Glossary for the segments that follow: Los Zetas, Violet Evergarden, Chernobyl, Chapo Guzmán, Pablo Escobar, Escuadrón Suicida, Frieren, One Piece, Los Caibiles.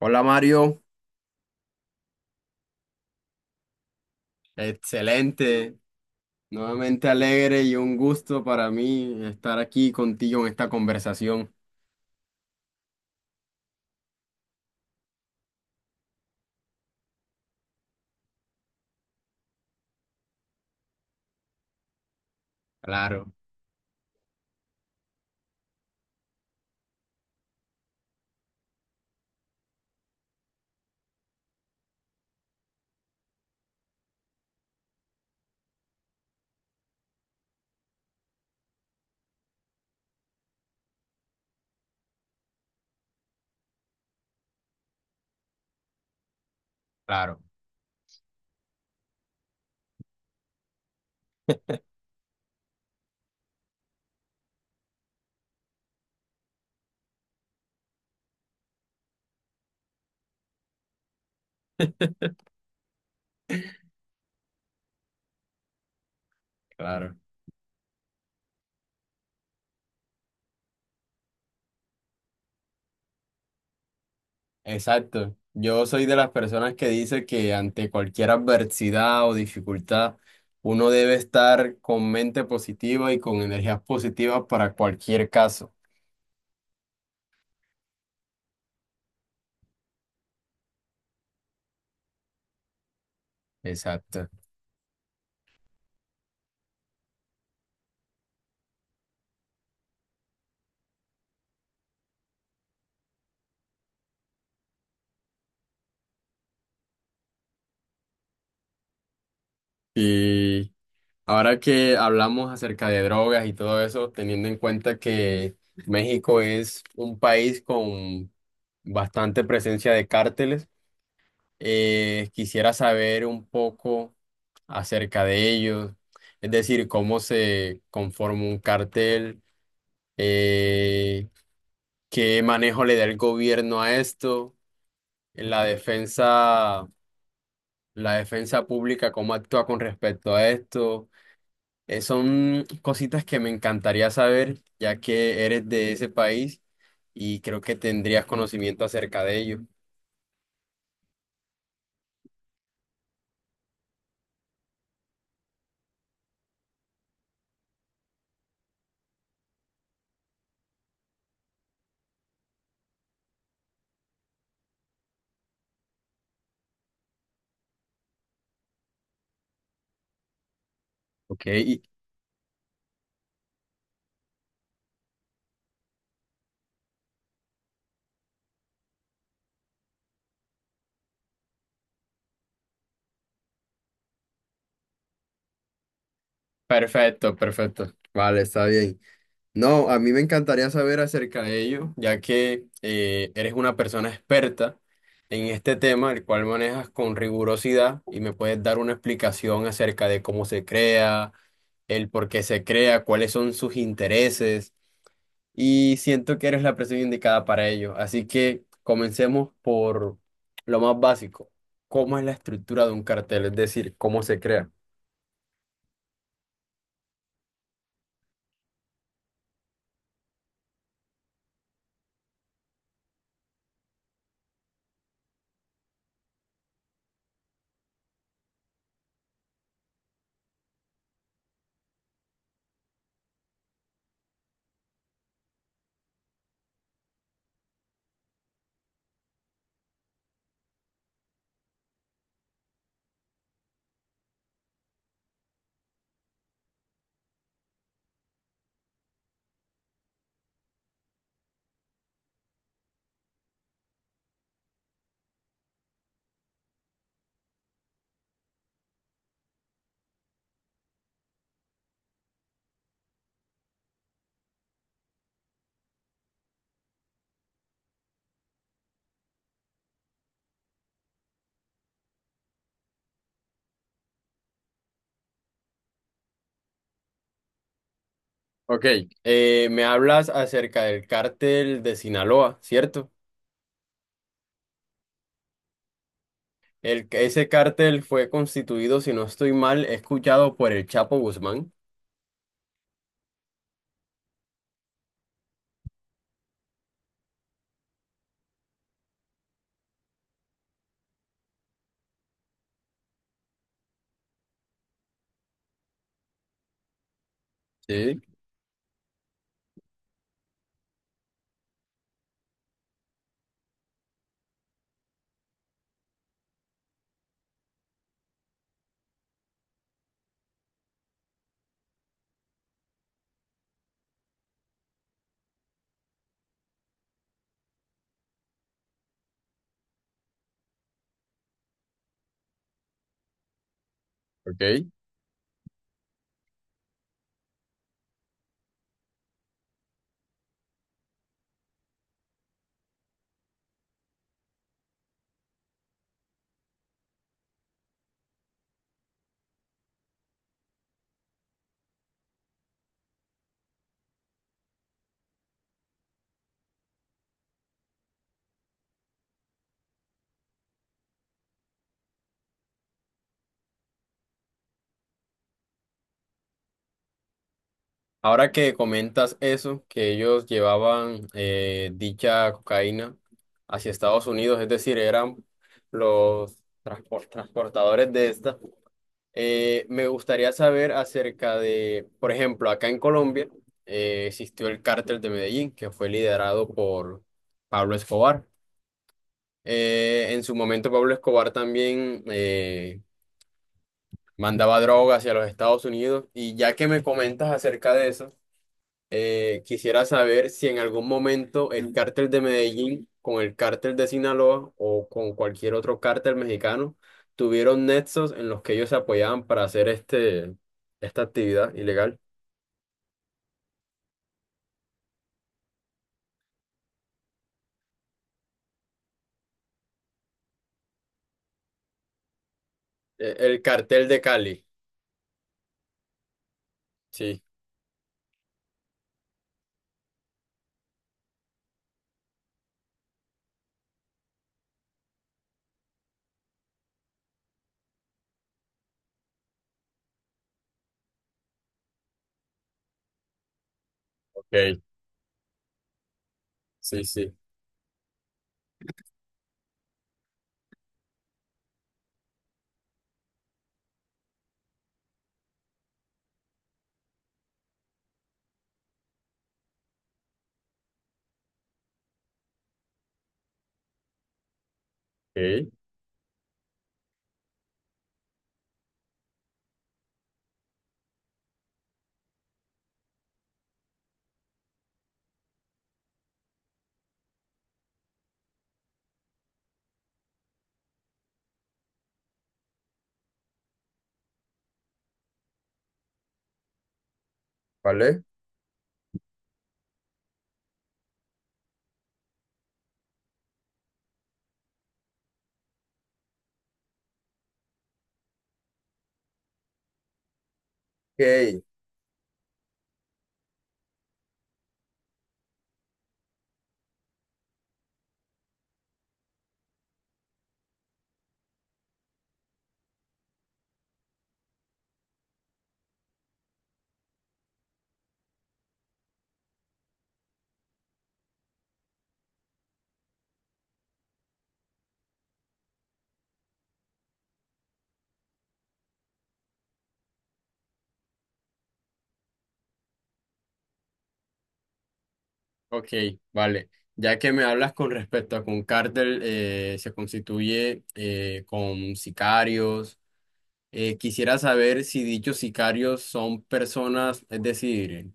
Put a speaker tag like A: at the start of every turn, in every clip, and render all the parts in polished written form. A: Hola, Mario. Excelente, nuevamente alegre y un gusto para mí estar aquí contigo en esta conversación. Claro, claro, claro. Exacto. Yo soy de las personas que dice que ante cualquier adversidad o dificultad, uno debe estar con mente positiva y con energías positivas para cualquier caso. Exacto. Y ahora que hablamos acerca de drogas y todo eso, teniendo en cuenta que México es un país con bastante presencia de cárteles, quisiera saber un poco acerca de ellos, es decir, cómo se conforma un cártel, eh, qué manejo le da el gobierno a esto, la defensa, la defensa pública, cómo actúa con respecto a esto. Son cositas que me encantaría saber, ya que eres de ese país y creo que tendrías conocimiento acerca de ello. Ok, perfecto, perfecto. Vale, está bien. No, a mí me encantaría saber acerca de ello, ya que eres una persona experta en este tema, el cual manejas con rigurosidad y me puedes dar una explicación acerca de cómo se crea, el por qué se crea, cuáles son sus intereses. Y siento que eres la persona indicada para ello. Así que comencemos por lo más básico. ¿Cómo es la estructura de un cartel? Es decir, ¿cómo se crea? Ok, me hablas acerca del cártel de Sinaloa, ¿cierto? El, ese cártel fue constituido, si no estoy mal, escuchado por el Chapo Guzmán. Sí, ok. Ahora que comentas eso, que ellos llevaban dicha cocaína hacia Estados Unidos, es decir, eran los transportadores de esta, me gustaría saber acerca de, por ejemplo, acá en Colombia existió el cártel de Medellín, que fue liderado por Pablo Escobar. En su momento Pablo Escobar también mandaba droga hacia los Estados Unidos y ya que me comentas acerca de eso, quisiera saber si en algún momento el cártel de Medellín con el cártel de Sinaloa o con cualquier otro cártel mexicano tuvieron nexos en los que ellos se apoyaban para hacer este, esta actividad ilegal. El cartel de Cali. Sí, ok. Sí, sí. Ok. ¿Vale? Ok. Ok, vale. Ya que me hablas con respecto a que un cártel se constituye con sicarios. Quisiera saber si dichos sicarios son personas, es decir,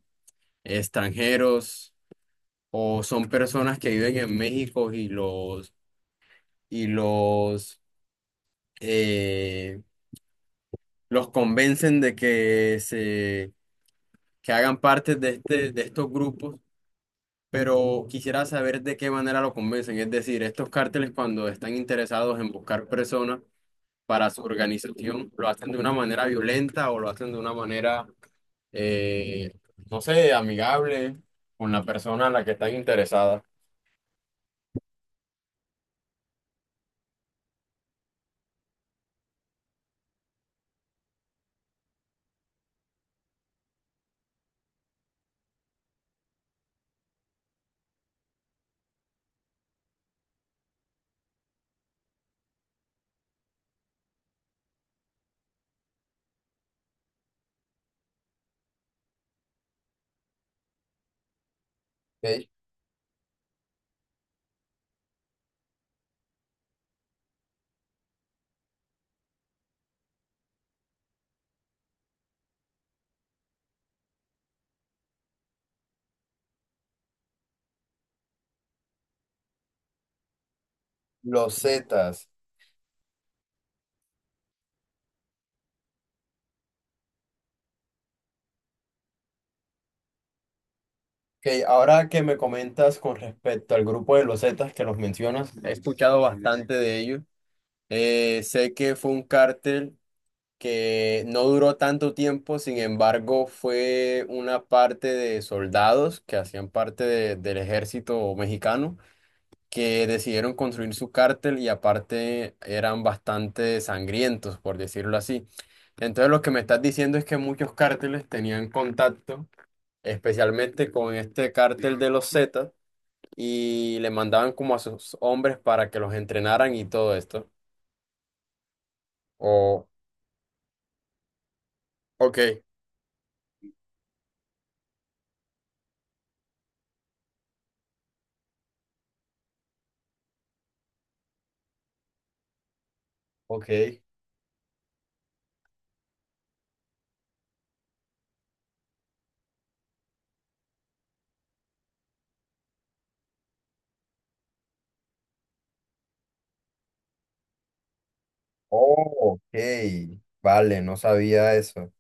A: extranjeros o son personas que viven en México y y los eh, los convencen de que se que hagan parte de de estos grupos, pero quisiera saber de qué manera lo convencen, es decir, estos cárteles cuando están interesados en buscar personas para su organización, lo hacen de una manera violenta o lo hacen de una manera eh, no sé, amigable, con la persona a la que están interesadas. Ok, los Zetas. Ok, ahora que me comentas con respecto al grupo de los Zetas que los mencionas, he escuchado bastante de ellos. Sé que fue un cártel que no duró tanto tiempo, sin embargo, fue una parte de soldados que hacían parte del ejército mexicano, que decidieron construir su cártel y aparte eran bastante sangrientos, por decirlo así. Entonces lo que me estás diciendo es que muchos cárteles tenían contacto, especialmente con este cártel de los Zetas, y le mandaban como a sus hombres para que los entrenaran y todo esto. O ok, ok. Oh, ok. Vale, no sabía eso.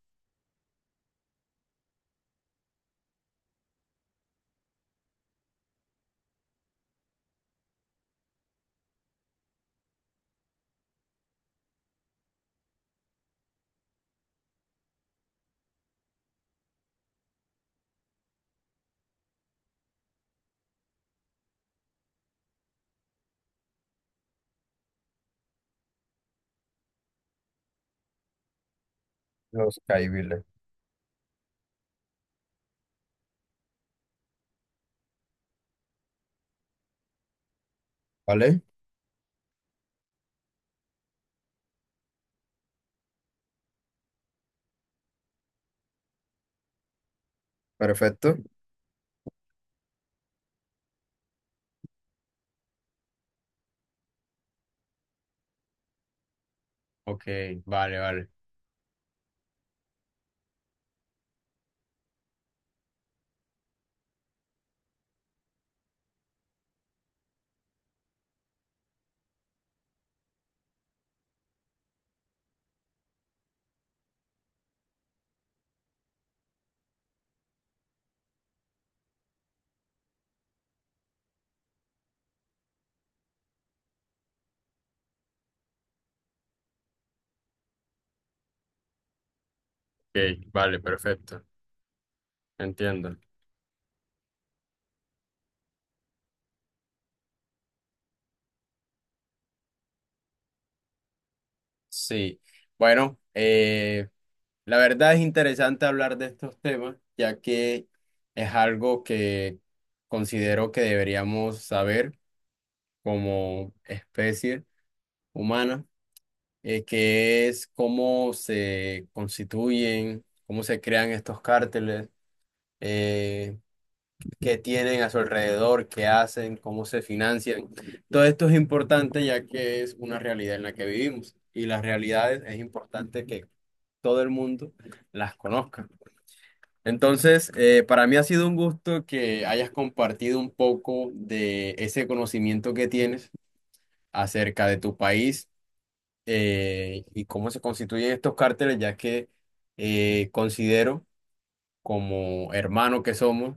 A: Los Caibiles. Vale, perfecto. Ok, vale, vale. Ok, vale, perfecto. Entiendo. Sí, bueno, la verdad es interesante hablar de estos temas, ya que es algo que considero que deberíamos saber como especie humana, que es cómo se constituyen, cómo se crean estos cárteles, eh, qué tienen a su alrededor, qué hacen, cómo se financian. Todo esto es importante ya que es una realidad en la que vivimos y las realidades es importante que todo el mundo las conozca. Entonces, para mí ha sido un gusto que hayas compartido un poco de ese conocimiento que tienes acerca de tu país, y cómo se constituyen estos cárteles, ya que considero, como hermano que somos,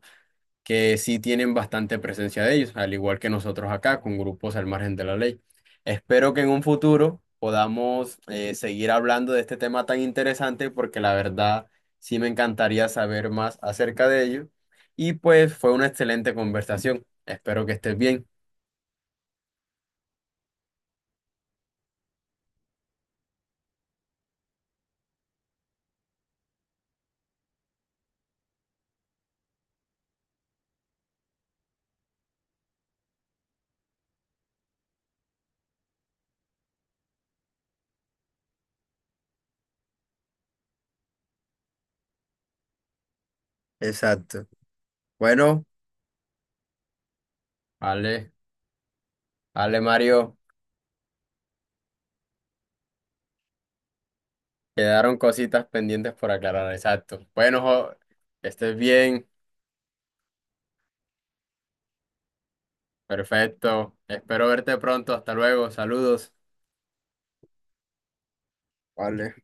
A: que sí tienen bastante presencia de ellos, al igual que nosotros acá, con grupos al margen de la ley. Espero que en un futuro podamos seguir hablando de este tema tan interesante, porque la verdad sí me encantaría saber más acerca de ello. Y pues fue una excelente conversación. Espero que estés bien. Exacto. Bueno, vale, vale, Mario. Quedaron cositas pendientes por aclarar, exacto. Bueno, que estés bien. Perfecto. Espero verte pronto. Hasta luego. Saludos. Vale.